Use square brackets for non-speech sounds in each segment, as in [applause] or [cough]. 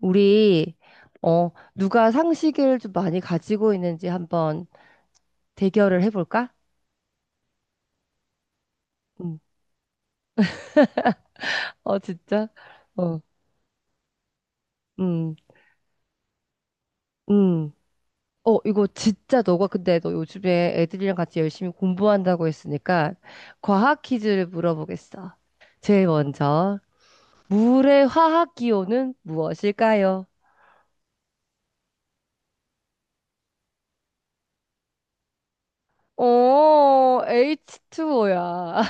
우리 어 누가 상식을 좀 많이 가지고 있는지 한번 대결을 해볼까? 음. 어, 진짜? 어. 음. 음. 어, 이거 진짜 너가 근데 너 요즘에 애들이랑 같이 열심히 공부한다고 했으니까 과학 퀴즈를 물어보겠어. 제일 먼저 물의 화학 기호는 무엇일까요? 어, H2O야.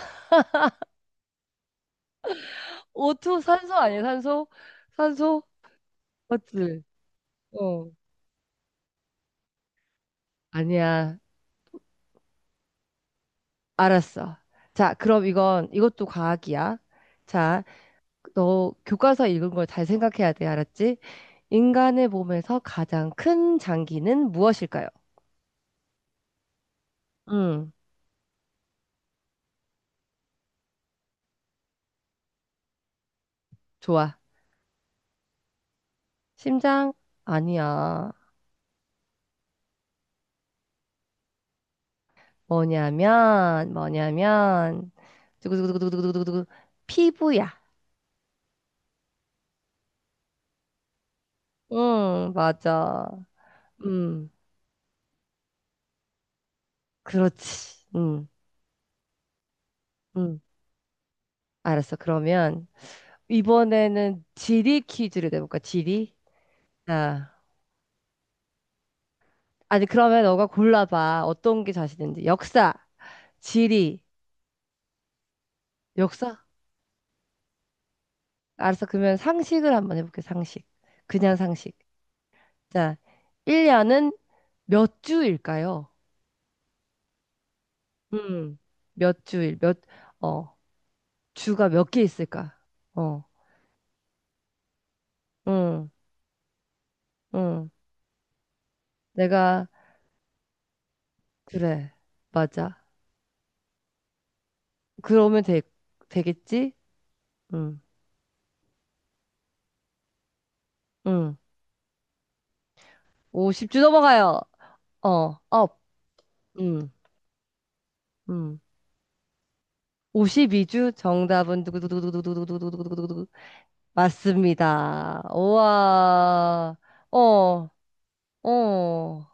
O2 [laughs] 산소 아니야? 산소? 산소? 맞지? 어. 아니야. 알았어. 자, 그럼 이건, 이것도 과학이야. 자, 너 교과서 읽은 걸 잘 생각해야 돼. 알았지? 인간의 몸에서 가장 큰 장기는 무엇일까요? 음, 좋아. 심장? 아니야. 뭐냐면, 두구두구두구두구두구두구, 피부야. 응, 맞아. 음, 그렇지. 음. 알았어. 그러면, 이번에는 지리 퀴즈를 내볼까? 지리? 자. 아니, 그러면 너가 골라봐. 어떤 게 자신 있는지. 역사, 지리, 역사? 알았어. 그러면 상식을 한번 해볼게, 상식. 그냥 상식. 자, 1년은 몇 주일까요? 음, 몇 주일, 몇, 어, 주가 몇 개 있을까? 어, 응, 응. 내가, 그래, 맞아. 그러면 되겠지? 응, 응. 50주 넘어가요. 어, 업, 응, 응. 52주. 정답은 두구두구두구두구두구두구두구두구 맞습니다. 우와. 어, 어,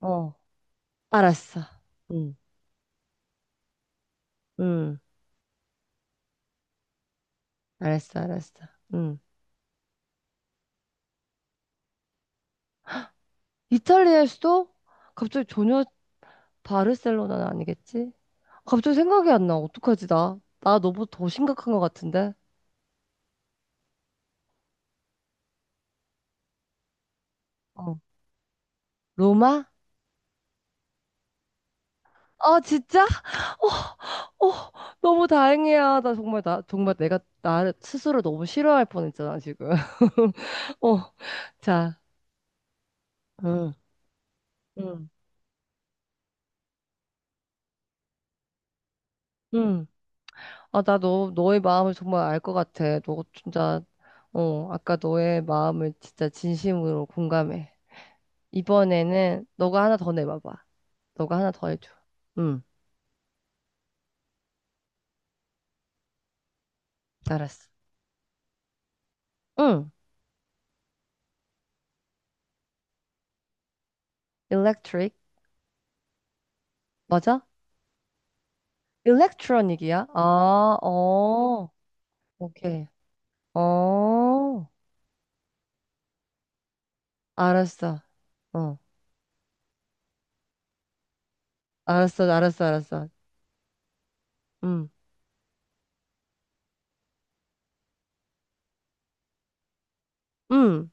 어. 알았어. 응, 응. 알았어, 알았어. 응. 이탈리아일 수도? 갑자기 전혀 바르셀로나는 아니겠지? 갑자기 생각이 안 나. 어떡하지, 나? 나 너무 더 심각한 것 같은데? 어. 로마? 아, 진짜? 어, 어, 너무 다행이야. 나 정말 내가, 나 스스로 너무 싫어할 뻔했잖아, 지금. [laughs] 어, 자, 응, 응, 응. 아, 나 너의 마음을 정말 알 것 같아. 너 진짜, 어, 아까 너의 마음을 진짜 진심으로 공감해. 이번에는 너가 하나 더 내봐봐. 너가 하나 더 해줘. 응, 알았어. 응, electric. 맞아? electronic이야? 아, 어, 오케이. 어, 알았어. 어, 알았어. 응, 응,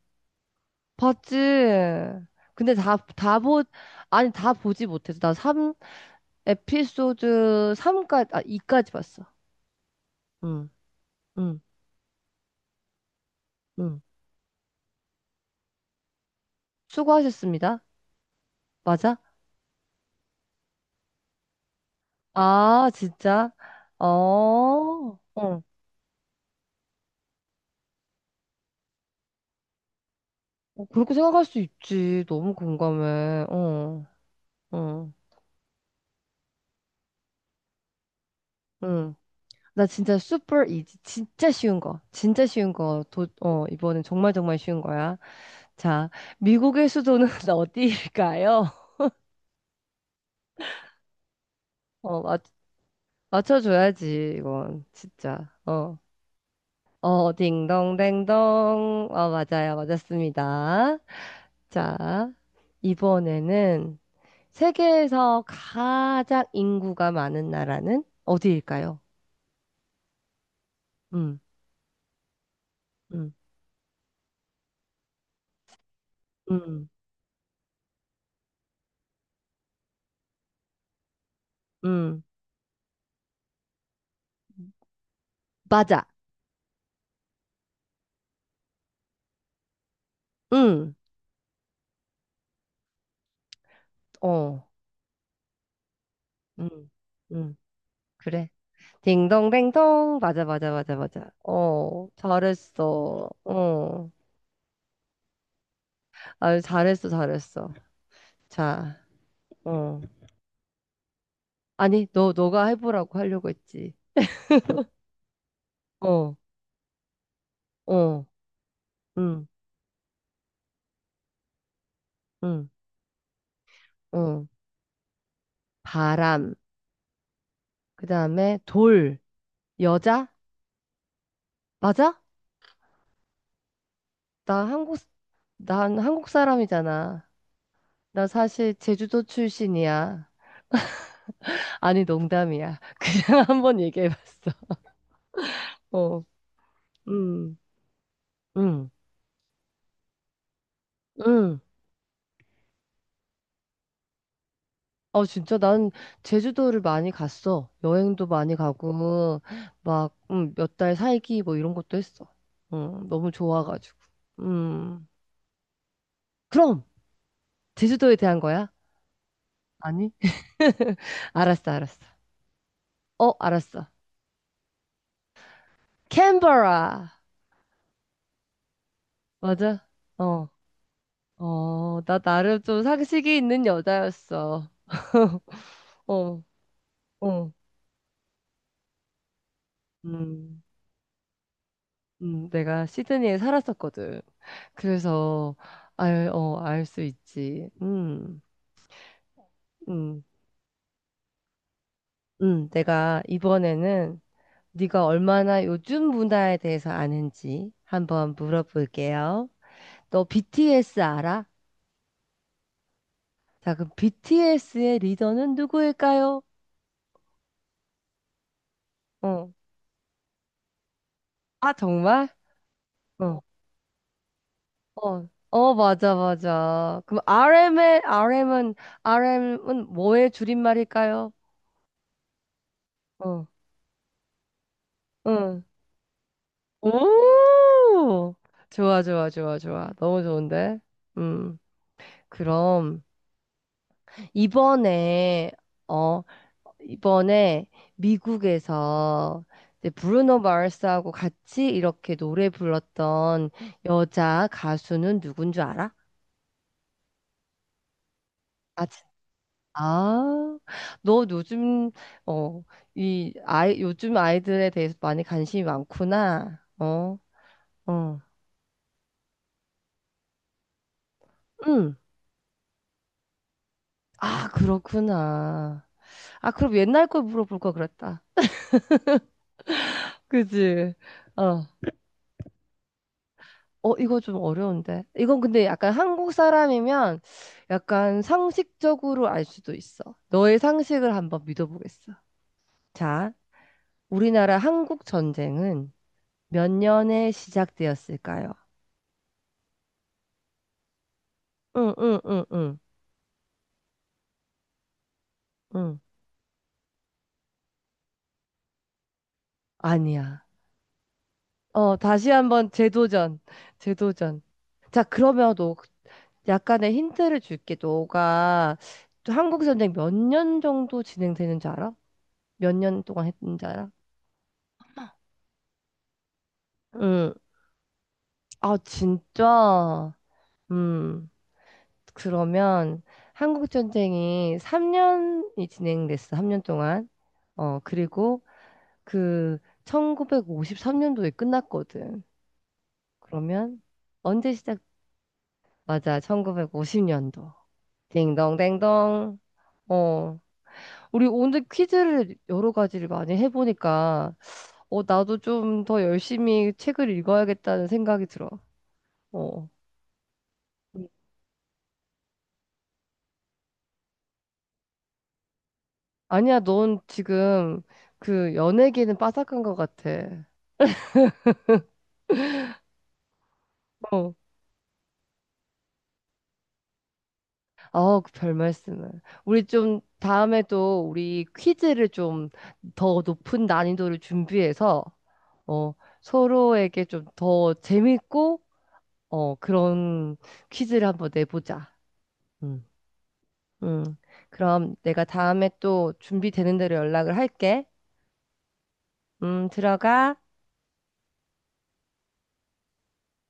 봤지. 근데 다, 다 보, 아니, 다 보지 못해서. 나 삼 에피소드 삼까지 아, 2까지 봤어. 응, 응, 응. 수고하셨습니다. 맞아? 아, 진짜? 어, 어. 어, 그렇게 생각할 수 있지. 너무 공감해. 어, 어, 응. 나 진짜 super easy. 진짜 쉬운 거. 진짜 쉬운 거. 이번엔 정말 정말 쉬운 거야. 자, 미국의 수도는 [laughs] 어디일까요? 어, 맞춰줘야지, 이건. 진짜. 어. 어, 딩동댕동. 어, 맞아요. 맞았습니다. 자, 이번에는 세계에서 가장 인구가 많은 나라는 어디일까요? 음, 음, 음, 음. 맞아. 음, 어, 음, 음. 그래. 딩동댕동. 맞아, 맞아, 맞아, 맞아. 어, 잘했어. 어, 아, 잘했어, 잘했어. 자, 어. 아니, 너가 해보라고 하려고 했지. 어, 어, 응, 응, 응. 바람. 그 다음에 돌. 여자? 맞아? 나 한국, 난 한국 사람이잖아. 나 사실 제주도 출신이야. 아니, 농담이야. [laughs] 그냥 한번 얘기해봤어. 어, 응, 응, 응. 어, 진짜 난 제주도를 많이 갔어. 여행도 많이 가고, 막, 몇 달 살기 뭐 이런 것도 했어. 너무 좋아가지고. 음, 그럼, 제주도에 대한 거야? 아니? [laughs] 알았어, 알았어. 어, 알았어. 캔버라. 맞아? 어, 어, 나 나름 좀 상식이 있는 여자였어. [laughs] 어, 어, 음, 내가 시드니에 살았었거든. 그래서, 알 수 있지. 음. 음, 내가 이번에는 네가 얼마나 요즘 문화에 대해서 아는지 한번 물어볼게요. 너 BTS 알아? 자, 그럼 BTS의 리더는 누구일까요? 어. 아, 정말? 어. 어, 어, 맞아, 맞아. 그럼 RM은 뭐의 줄임말일까요? 어, 응. 오! 좋아, 좋아, 좋아, 좋아. 너무 좋은데? 음, 그럼. 이번에 어 이번에 미국에서 이제 브루노 마르스하고 같이 이렇게 노래 불렀던 여자 가수는 누군 줄 알아? 아, 진- 아, 너 요즘 어, 이 아이 요즘 아이들에 대해서 많이 관심이 많구나. 어, 어, 응. 아, 그렇구나. 아, 그럼 옛날 걸 물어볼 걸 그랬다. 그지? 어, 어, 이거 좀 어려운데. 이건 근데 약간 한국 사람이면 약간 상식적으로 알 수도 있어. 너의 상식을 한번 믿어보겠어. 자, 우리나라 한국 전쟁은 몇 년에 시작되었을까요? 응, 응, 응, 응, 응. 아니야. 어, 다시 한번 재도전. 재도전. 자, 그러면 너 약간의 힌트를 줄게. 너가 한국 전쟁 몇 년 정도 진행되는지 알아? 몇 년 동안 했는지 알아? 응, 아, 진짜? 음, 그러면 한국전쟁이 3년이 진행됐어, 3년 동안. 어, 그리고 그 1953년도에 끝났거든. 그러면 언제 시작? 맞아, 1950년도. 딩동댕동. 어, 우리 오늘 퀴즈를 여러 가지를 많이 해보니까, 어, 나도 좀 더 열심히 책을 읽어야겠다는 생각이 들어. 어. 아니야, 넌 지금 그 연예계는 빠삭한 것 같아. 어. 아, 그 별 말씀을. 우리 좀 다음에 또 우리 퀴즈를 좀 더 높은 난이도를 준비해서 어, 서로에게 좀 더 재밌고 어, 그런 퀴즈를 한번 내보자. 음. 음. 그럼 내가 다음에 또 준비되는 대로 연락을 할게. 들어가.